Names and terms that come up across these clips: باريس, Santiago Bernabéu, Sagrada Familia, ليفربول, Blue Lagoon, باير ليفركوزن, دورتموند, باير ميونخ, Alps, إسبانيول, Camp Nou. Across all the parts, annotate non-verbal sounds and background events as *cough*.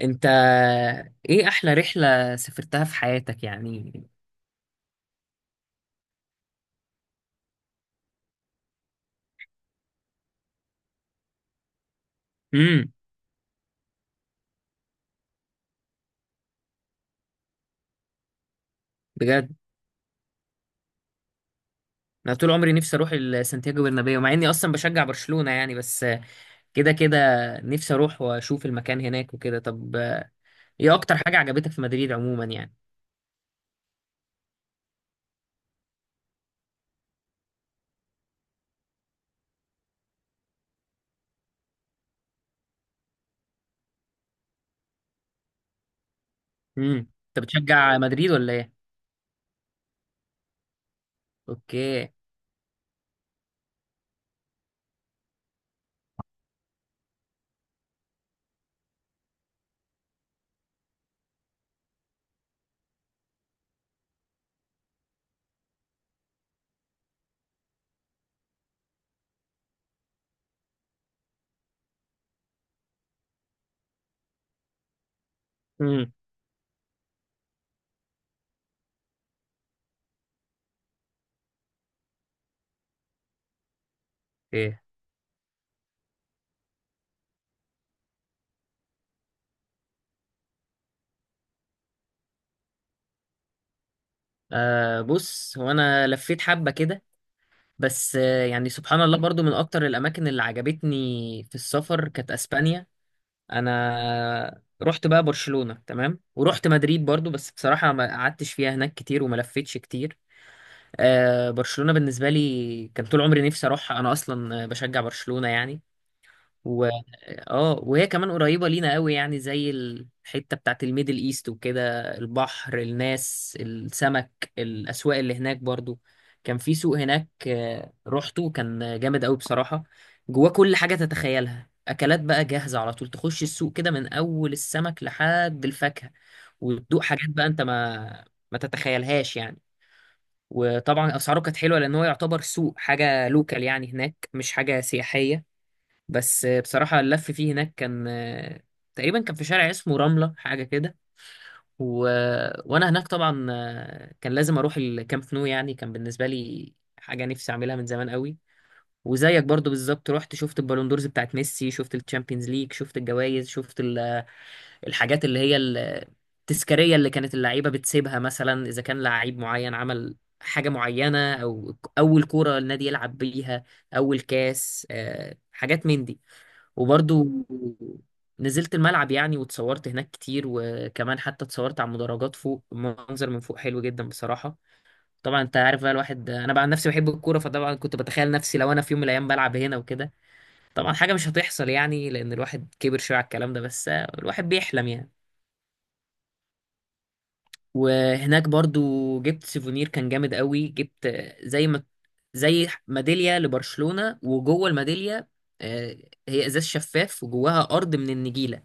انت، ايه احلى رحلة سافرتها في حياتك يعني؟ امم. بجد؟ انا طول عمري نفسي اروح سانتياغو برنابيو، مع اني اصلا بشجع برشلونة يعني، بس كده كده نفسي اروح واشوف المكان هناك وكده. طب ايه اكتر حاجة عجبتك في مدريد عموما يعني؟ امم. انت بتشجع مدريد ولا ايه؟ اوكي. امم. ايه؟ آه، بص هو انا لفيت حبة كده، بس يعني سبحان الله، برضو من اكتر الاماكن اللي عجبتني في السفر كانت اسبانيا. انا رحت بقى برشلونة، تمام، ورحت مدريد برضو، بس بصراحة ما قعدتش فيها هناك كتير وما لفتش كتير. آه، برشلونة بالنسبة لي كان طول عمري نفسي اروحها، انا اصلا بشجع برشلونة يعني. اه، وهي كمان قريبة لينا قوي، يعني زي الحتة بتاعت الميدل ايست وكده، البحر، الناس، السمك، الأسواق اللي هناك برضو. كان في سوق هناك روحته، كان جامد قوي بصراحة. جواه كل حاجة تتخيلها، أكلات بقى جاهزة على طول، تخش السوق كده من أول السمك لحد الفاكهة وتدوق حاجات بقى أنت ما تتخيلهاش يعني. وطبعا أسعاره كانت حلوة، لأن هو يعتبر سوق حاجة لوكال يعني، هناك مش حاجة سياحية. بس بصراحة اللف فيه هناك كان تقريبا كان في شارع اسمه رملة حاجة كده. و... وأنا هناك طبعا كان لازم أروح الكامب نو، يعني كان بالنسبة لي حاجة نفسي أعملها من زمان قوي. وزيك برضو بالظبط، رحت شفت البالون دورز بتاعت ميسي، شفت الشامبيونز ليج، شفت الجوائز، شفت الحاجات اللي هي التذكارية، اللي كانت اللعيبة بتسيبها، مثلا إذا كان لعيب معين عمل حاجة معينة، أو أول كورة النادي يلعب بيها، أول كاس، حاجات من دي. وبرضو نزلت الملعب يعني، واتصورت هناك كتير، وكمان حتى اتصورت على المدرجات فوق، منظر من فوق حلو جدا بصراحة. طبعا انت عارف بقى، الواحد، انا بقى عن نفسي بحب الكورة، فطبعا كنت بتخيل نفسي لو انا في يوم من الايام بلعب هنا وكده. طبعا حاجة مش هتحصل يعني، لان الواحد كبر شوية على الكلام ده، بس الواحد بيحلم يعني. وهناك برضو جبت سيفونير كان جامد قوي، جبت زي ما زي ميدالية لبرشلونة، وجوه الميدالية آه، هي ازاز شفاف وجواها ارض من النجيلة،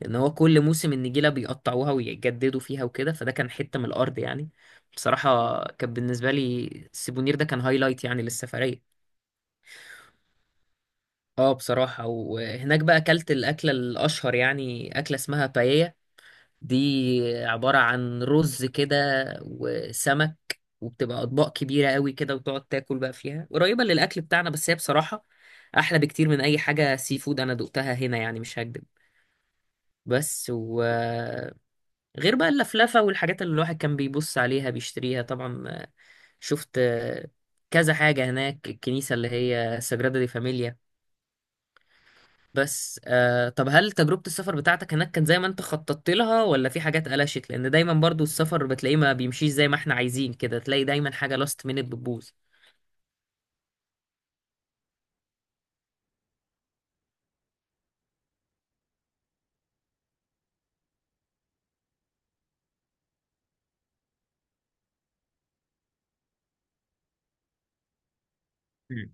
لان هو كل موسم النجيله بيقطعوها ويجددوا فيها وكده، فده كان حته من الارض يعني. بصراحه كان بالنسبه لي السيبونير ده كان هايلايت يعني للسفريه. اه بصراحه. وهناك بقى اكلت الاكله الاشهر، يعني اكله اسمها باييا، دي عباره عن رز كده وسمك، وبتبقى اطباق كبيره قوي كده وتقعد تاكل بقى فيها، قريبه للاكل بتاعنا، بس هي بصراحه احلى بكتير من اي حاجه سي فود انا دقتها هنا يعني، مش هكدب. بس غير بقى اللفلفة والحاجات اللي الواحد كان بيبص عليها بيشتريها طبعا، شفت كذا حاجة هناك، الكنيسة اللي هي ساجرادا دي فاميليا. بس آه، طب هل تجربة السفر بتاعتك هناك كانت زي ما انت خططت لها، ولا في حاجات قلشت؟ لأن دايما برضو السفر بتلاقيه ما بيمشيش زي ما احنا عايزين، كده تلاقي دايما حاجة لاست مينت بتبوظ. مم.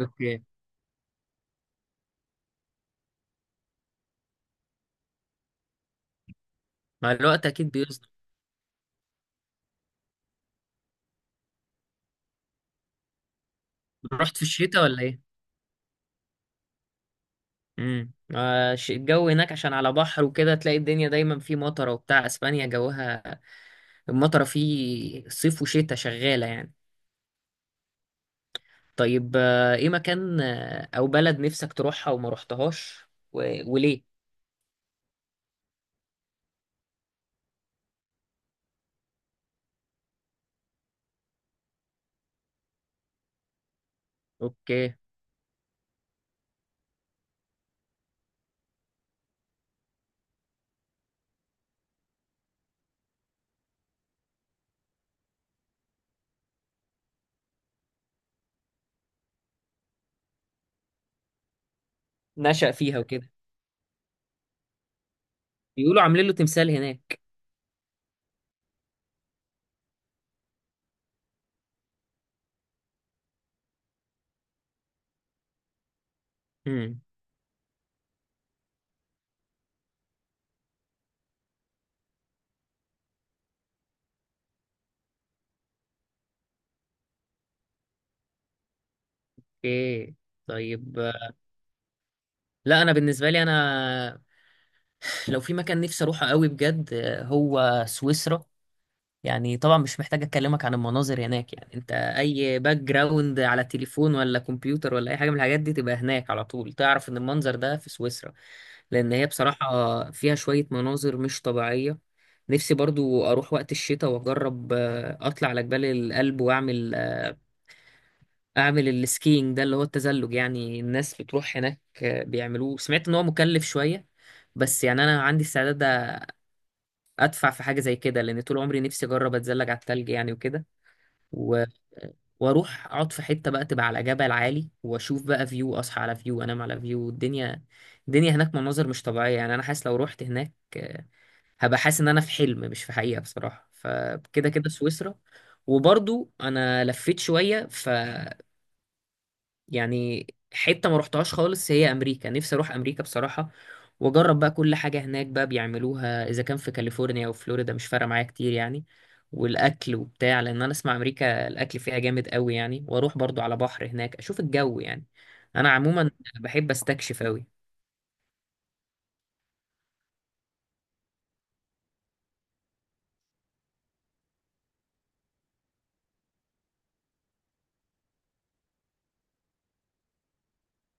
اوكي. مع الوقت اكيد بيظبط. رحت في الشتاء ولا ايه؟ امم. الجو هناك عشان على بحر وكده، تلاقي الدنيا دايما في مطره وبتاع، اسبانيا جوها المطرة فيه صيف وشتاء شغالة يعني. طيب ايه مكان او بلد نفسك تروحها وما رحتهاش و... وليه؟ اوكي. نشأ فيها وكده. بيقولوا عاملين له تمثال هناك. امم. اوكي. طيب آه، لا انا بالنسبة لي، انا *laughs* لو في مكان نفسي اروحه قوي بجد هو سويسرا. يعني طبعا مش محتاج اكلمك عن المناظر هناك، يعني انت اي باك جراوند على تليفون ولا كمبيوتر ولا اي حاجه من الحاجات دي تبقى هناك، على طول تعرف ان المنظر ده في سويسرا، لان هي بصراحه فيها شويه مناظر مش طبيعيه. نفسي برضو اروح وقت الشتاء واجرب اطلع على جبال الألب واعمل اعمل السكينج ده، اللي هو التزلج يعني، الناس بتروح هناك بيعملوه. سمعت ان هو مكلف شويه، بس يعني انا عندي استعداد ادفع في حاجه زي كده، لان طول عمري نفسي اجرب اتزلج على التلج يعني وكده. و... واروح اقعد في حته بقى تبقى على جبل عالي، واشوف بقى فيو، اصحى على فيو، انام على فيو. الدنيا، الدنيا هناك مناظر مش طبيعيه يعني، انا حاسس لو رحت هناك هبقى حاسس ان انا في حلم مش في حقيقه بصراحه، فكده كده سويسرا. وبرضو انا لفيت شويه يعني حتة ما روحتهاش خالص هي أمريكا، نفسي أروح أمريكا بصراحة، وأجرب بقى كل حاجة هناك بقى بيعملوها، إذا كان في كاليفورنيا أو فلوريدا مش فارقة معايا كتير يعني، والأكل وبتاع، لأن أنا أسمع أمريكا الأكل فيها جامد قوي يعني، وأروح برضو على بحر هناك أشوف الجو يعني. أنا عموما بحب أستكشف قوي.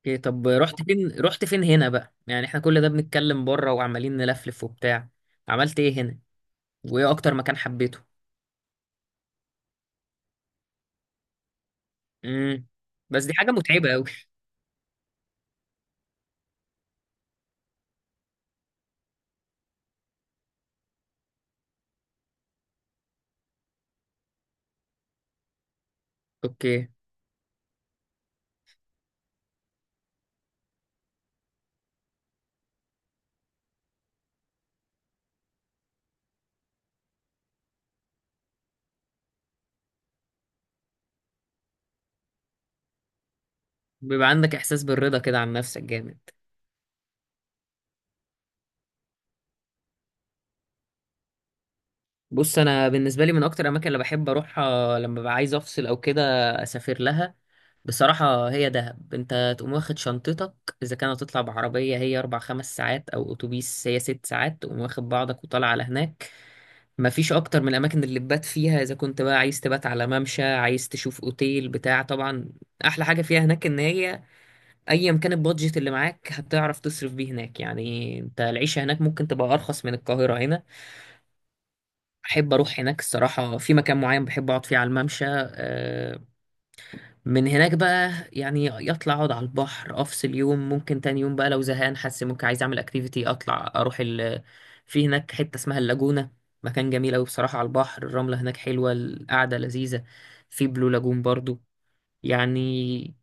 إيه؟ طب رحت فين؟ رحت فين هنا بقى يعني، إحنا كل ده بنتكلم بره وعمالين نلفلف وبتاع؟ عملت إيه هنا وإيه أكتر مكان حبيته؟ امم. بس دي حاجة متعبة قوي. أوكي. بيبقى عندك احساس بالرضا كده عن نفسك جامد. بص انا بالنسبه لي من اكتر الاماكن اللي بحب اروحها لما ببقى عايز افصل او كده اسافر لها بصراحه هي دهب. انت تقوم واخد شنطتك، اذا كانت هتطلع بعربيه هي 4 5 ساعات او اتوبيس هي 6 ساعات، تقوم واخد بعضك وطالع على هناك. مفيش اكتر من الاماكن اللي تبات فيها، اذا كنت بقى عايز تبات على ممشى، عايز تشوف اوتيل بتاع طبعا. احلى حاجه فيها هناك ان هي ايا كان البادجت اللي معاك هتعرف تصرف بيه هناك، يعني انت العيشه هناك ممكن تبقى ارخص من القاهره هنا. احب اروح هناك الصراحه في مكان معين بحب اقعد فيه على الممشى، من هناك بقى يعني يطلع، اقعد على البحر، افصل يوم، ممكن تاني يوم بقى لو زهقان حاسس ممكن عايز اعمل اكتيفيتي، اطلع اروح في هناك حته اسمها اللاجونه، مكان جميل قوي بصراحه، على البحر، الرمله هناك حلوه، القعده لذيذه. في بلو لاجون برضو يعني،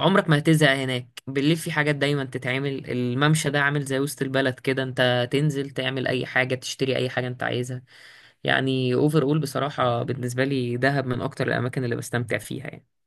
عمرك ما هتزهق هناك، بالليل في حاجات دايما تتعمل، الممشى ده عامل زي وسط البلد كده، انت تنزل تعمل اي حاجة، تشتري اي حاجة انت عايزها يعني. اوفر اول بصراحة بالنسبة لي دهب من اكتر الاماكن اللي بستمتع فيها يعني.